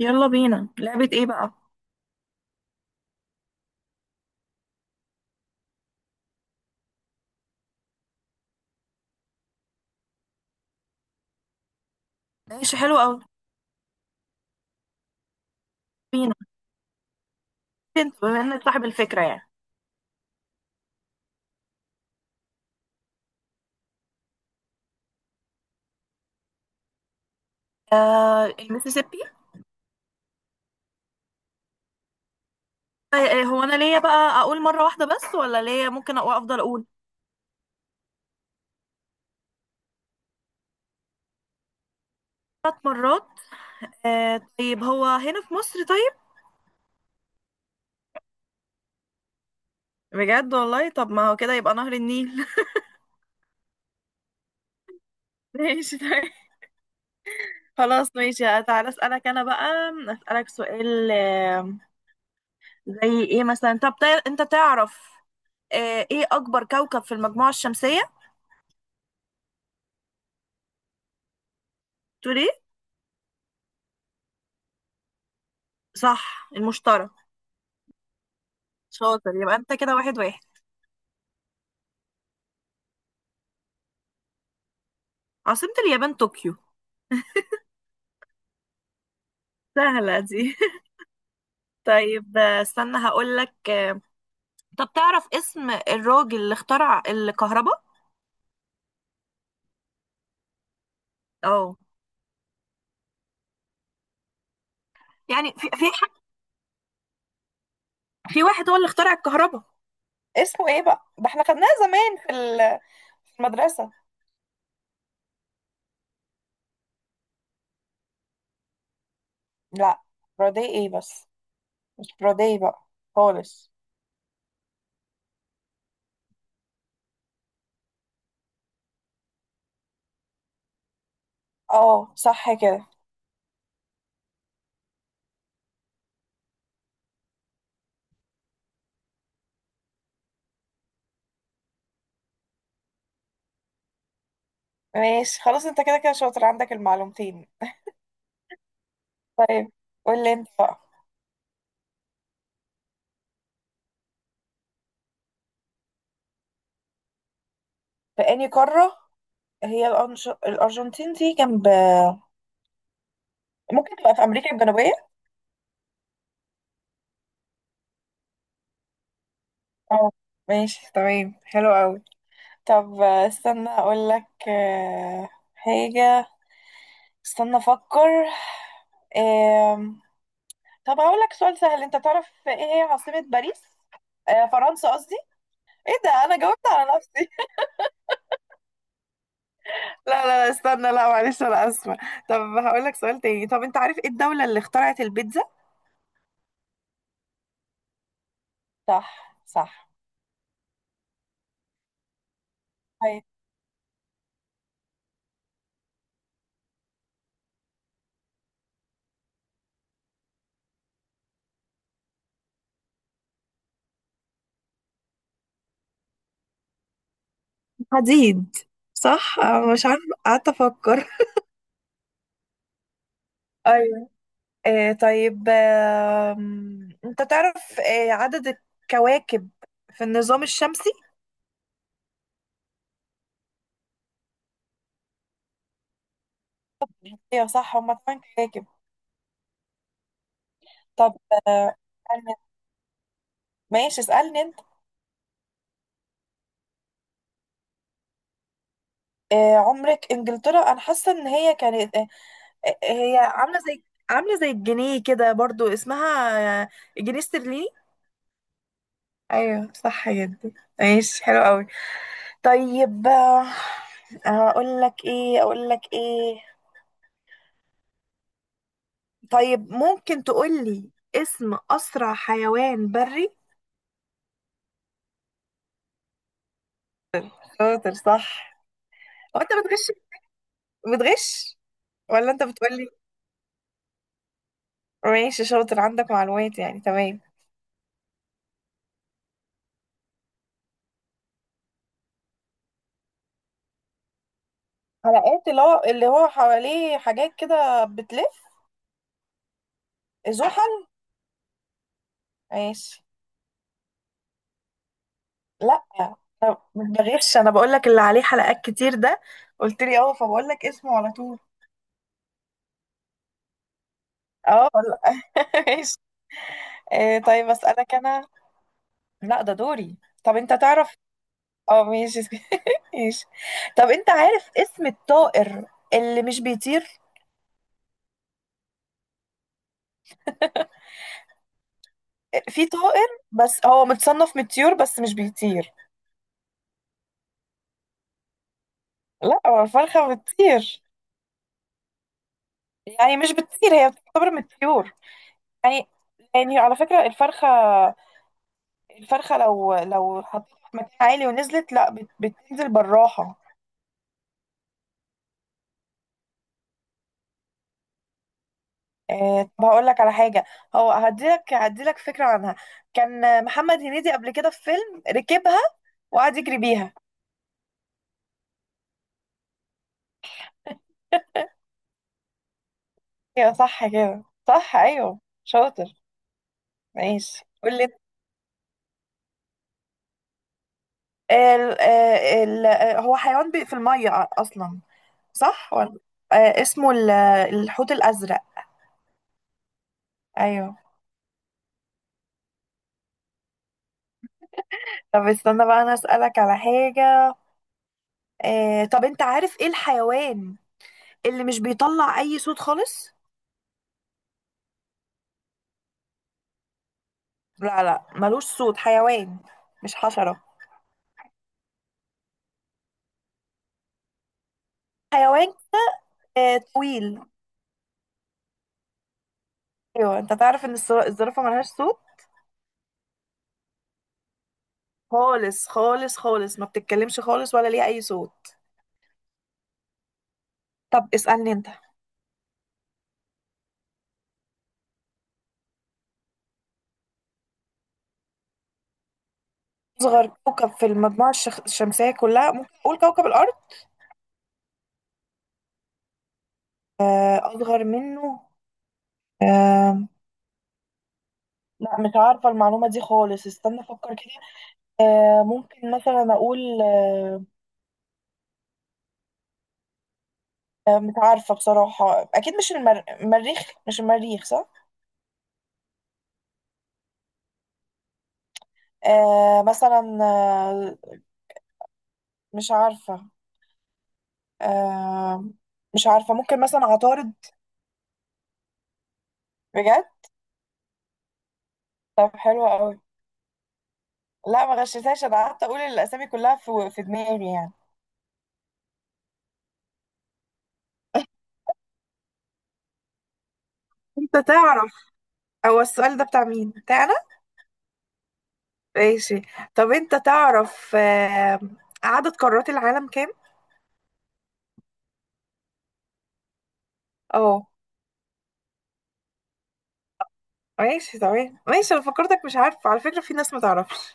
يلا بينا. لعبة ايه بقى؟ ماشي، حلو قوي. بينا. انت بما انك صاحب الفكرة يعني. المسيسيبي. هو انا ليا بقى اقول مرة واحدة بس ولا ليا ممكن افضل اقول 3 مرات؟ طيب، هو هنا في مصر؟ طيب. بجد والله، طب ما هو كده يبقى نهر النيل. ماشي طيب. خلاص ماشي، تعالى اسألك انا بقى. اسألك سؤال. زي ايه مثلا؟ طب انت تعرف ايه اكبر كوكب في المجموعة الشمسية؟ تقول ايه؟ صح، المشتري. شاطر، يبقى انت كده واحد واحد. عاصمة اليابان طوكيو. سهلة دي. طيب استنى هقول لك طب تعرف اسم الراجل اللي اخترع الكهرباء؟ اه. يعني في واحد هو اللي اخترع الكهرباء، اسمه ايه بقى؟ ده احنا خدناها زمان في في المدرسة. لا، برودي ايه بس؟ مش برودي بقى، خالص. اه، صح كده. ماشي، خلاص انت كده كده شاطر عندك المعلومتين. طيب قول لي انت بقى. في انهي قارة؟ هي الأرجنتين دي جنب، ممكن تبقى في امريكا الجنوبيه. اه. ماشي، تمام حلو قوي. طب استنى اقول لك حاجه. استنى افكر. آم، طب هقول لك سؤال سهل. انت تعرف ايه هي عاصمه باريس؟ فرنسا قصدي. ايه ده، انا جاوبت على نفسي. لا لا لا، استنى، لا معلش انا اسفه. طب هقول لك سؤال تاني. طب انت عارف ايه الدولة اللي اخترعت البيتزا؟ صح صح. طيب. حديد. صح، أنا مش عارفة، قعدت افكر. طيب، انت تعرف عدد الكواكب في النظام الشمسي؟ ايوه صح، هما 8 كواكب. طب أنا- ماشي اسألني انت. عمرك، انجلترا انا حاسة ان هي كانت هي عاملة زي، عاملة زي الجنيه كده برضو، اسمها جنيه استرليني. ايوه، صح جدا. ماشي، حلو قوي. طيب اقول لك ايه، اقول لك ايه. طيب ممكن تقولي اسم أسرع حيوان بري؟ شاطر، صح. هو أنت بتغش؟ بتغش؟ ولا أنت بتقولي؟ ماشي، شاطر عندك معلومات يعني، تمام. حلقات، اللي هو حواليه حاجات كده بتلف. زحل. ماشي. لا مش بغش، أنا بقول لك اللي عليه حلقات كتير ده قلت لي أه، فبقول لك اسمه على طول. أه لا. ماشي. طيب أسألك أنا. لا، ده دوري. طب أنت تعرف. اه ماشي. ماشي. طب انت عارف اسم الطائر اللي مش بيطير؟ في طائر بس هو متصنف من الطيور بس مش بيطير. لا، هو الفرخة بتطير؟ يعني مش بتطير، هي بتعتبر من الطيور يعني. يعني على فكرة الفرخة، الفرخة لو حطيتها في مكان عالي ونزلت، لا بتنزل بالراحة. طب هقول لك على حاجة، هو هديلك فكرة عنها. كان محمد هنيدي قبل كده في فيلم ركبها وقعد يجري بيها. ايوه صح كده، صح ايوه، شاطر. ماشي. قول لي ال ال آه، ال آه، هو حيوان بي في الميه اصلا، صح ولا؟ اسمه الحوت الازرق. ايوه. طب استنى بقى انا اسالك على حاجه. طب انت عارف ايه الحيوان اللي مش بيطلع اي صوت خالص؟ لا لا، ملوش صوت، حيوان، مش حشره، حيوان طويل. ايوه، انت تعرف ان الزرافه ملهاش صوت خالص خالص خالص، ما بتتكلمش خالص ولا ليها اي صوت. طب اسألني انت. أصغر كوكب في المجموعة الشمسية كلها؟ ممكن أقول كوكب الأرض. أصغر منه. آه، لا مش عارفة المعلومة دي خالص، استنى أفكر كده. ممكن مثلا أقول مش عارفة بصراحة. أكيد مش المريخ، مش المريخ صح؟ مثلا مش عارفة. آه، مش عارفة، ممكن مثلا عطارد. بجد؟ طب حلوة أوي. لا ما غشيتهاش، أنا قعدت أقول الأسامي كلها في دماغي يعني. انت تعرف، هو السؤال ده بتاع مين؟ بتاع أنا؟ ماشي. طب أنت تعرف عدد قارات العالم كام؟ اه. ماشي تمام، ماشي. أنا فكرتك، مش عارفة، على فكرة في ناس ما تعرفش.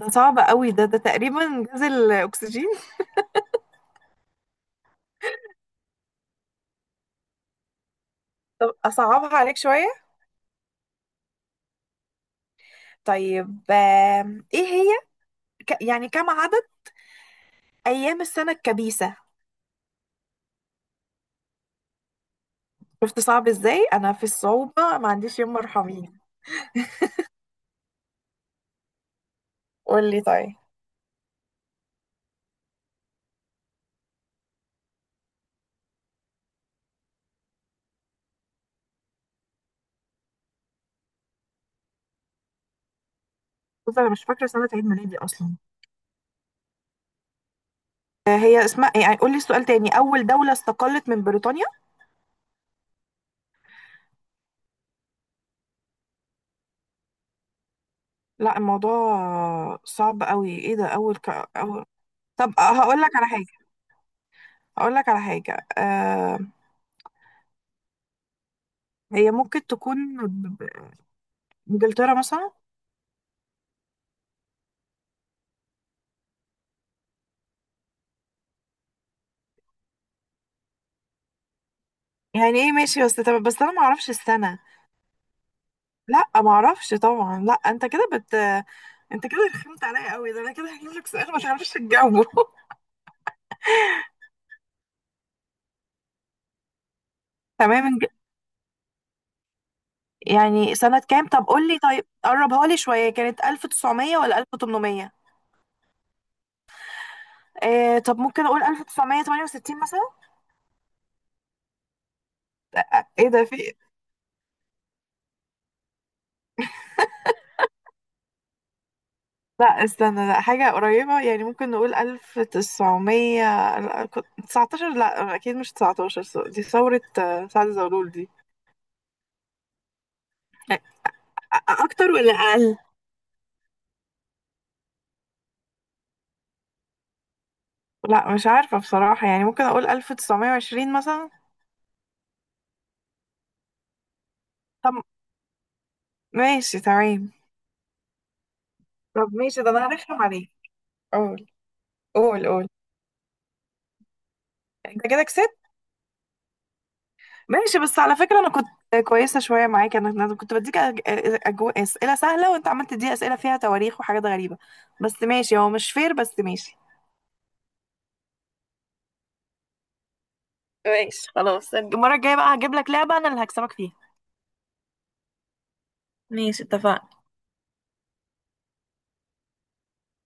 ده صعب قوي، ده تقريبا جزء الأكسجين. طب أصعبها عليك شوية. طيب إيه هي يعني كم عدد أيام السنة الكبيسة؟ شفت صعب إزاي؟ أنا في الصعوبة ما عنديش يوم مرحمين. قول لي طيب. بص أنا مش فاكرة سنة عيد ميلادي أصلا. هي اسمها يعني، قول لي السؤال تاني. أول دولة استقلت من بريطانيا؟ لا، الموضوع صعب قوي. ايه ده، اول أول... طب هقول لك على حاجه، هقول لك على حاجه. هي ممكن تكون ب- ب- انجلترا مثلا. يعني ايه ماشي؟ بس طب بس انا ما اعرفش السنه. لا ما اعرفش طبعا. لا، انت كده انت كده رخمت عليا قوي. ده انا كده هجيب لك سؤال ما تعرفش تجاوبه. تمام. يعني سنه كام طب؟ قول لي طيب، قربها لي شويه، كانت 1900 ولا 1800؟ طب ممكن اقول 1968 مثلا. ايه ده في؟ لا استنى، لا، حاجة قريبة يعني. ممكن نقول 1919. لا أكيد مش تسعتاشر، دي ثورة سعد زغلول دي. أ- اكتر ولا اقل؟ لا مش عارفة بصراحة، يعني ممكن أقول 1920 مثلا. طب ماشي تمام. طب ماشي، ده أنا هرخم عليك. قول قول قول. أنت كده كسبت. ماشي، بس على فكرة أنا كنت كويسة شوية معاك. أنا كنت بديك أسئلة سهلة، وأنت عملت تدي أسئلة فيها تواريخ وحاجات غريبة. بس ماشي، هو مش فير بس ماشي. ماشي خلاص، المرة الجاية بقى هجيب لك لعبة أنا اللي هكسبك فيها. ماشي، اتفقنا.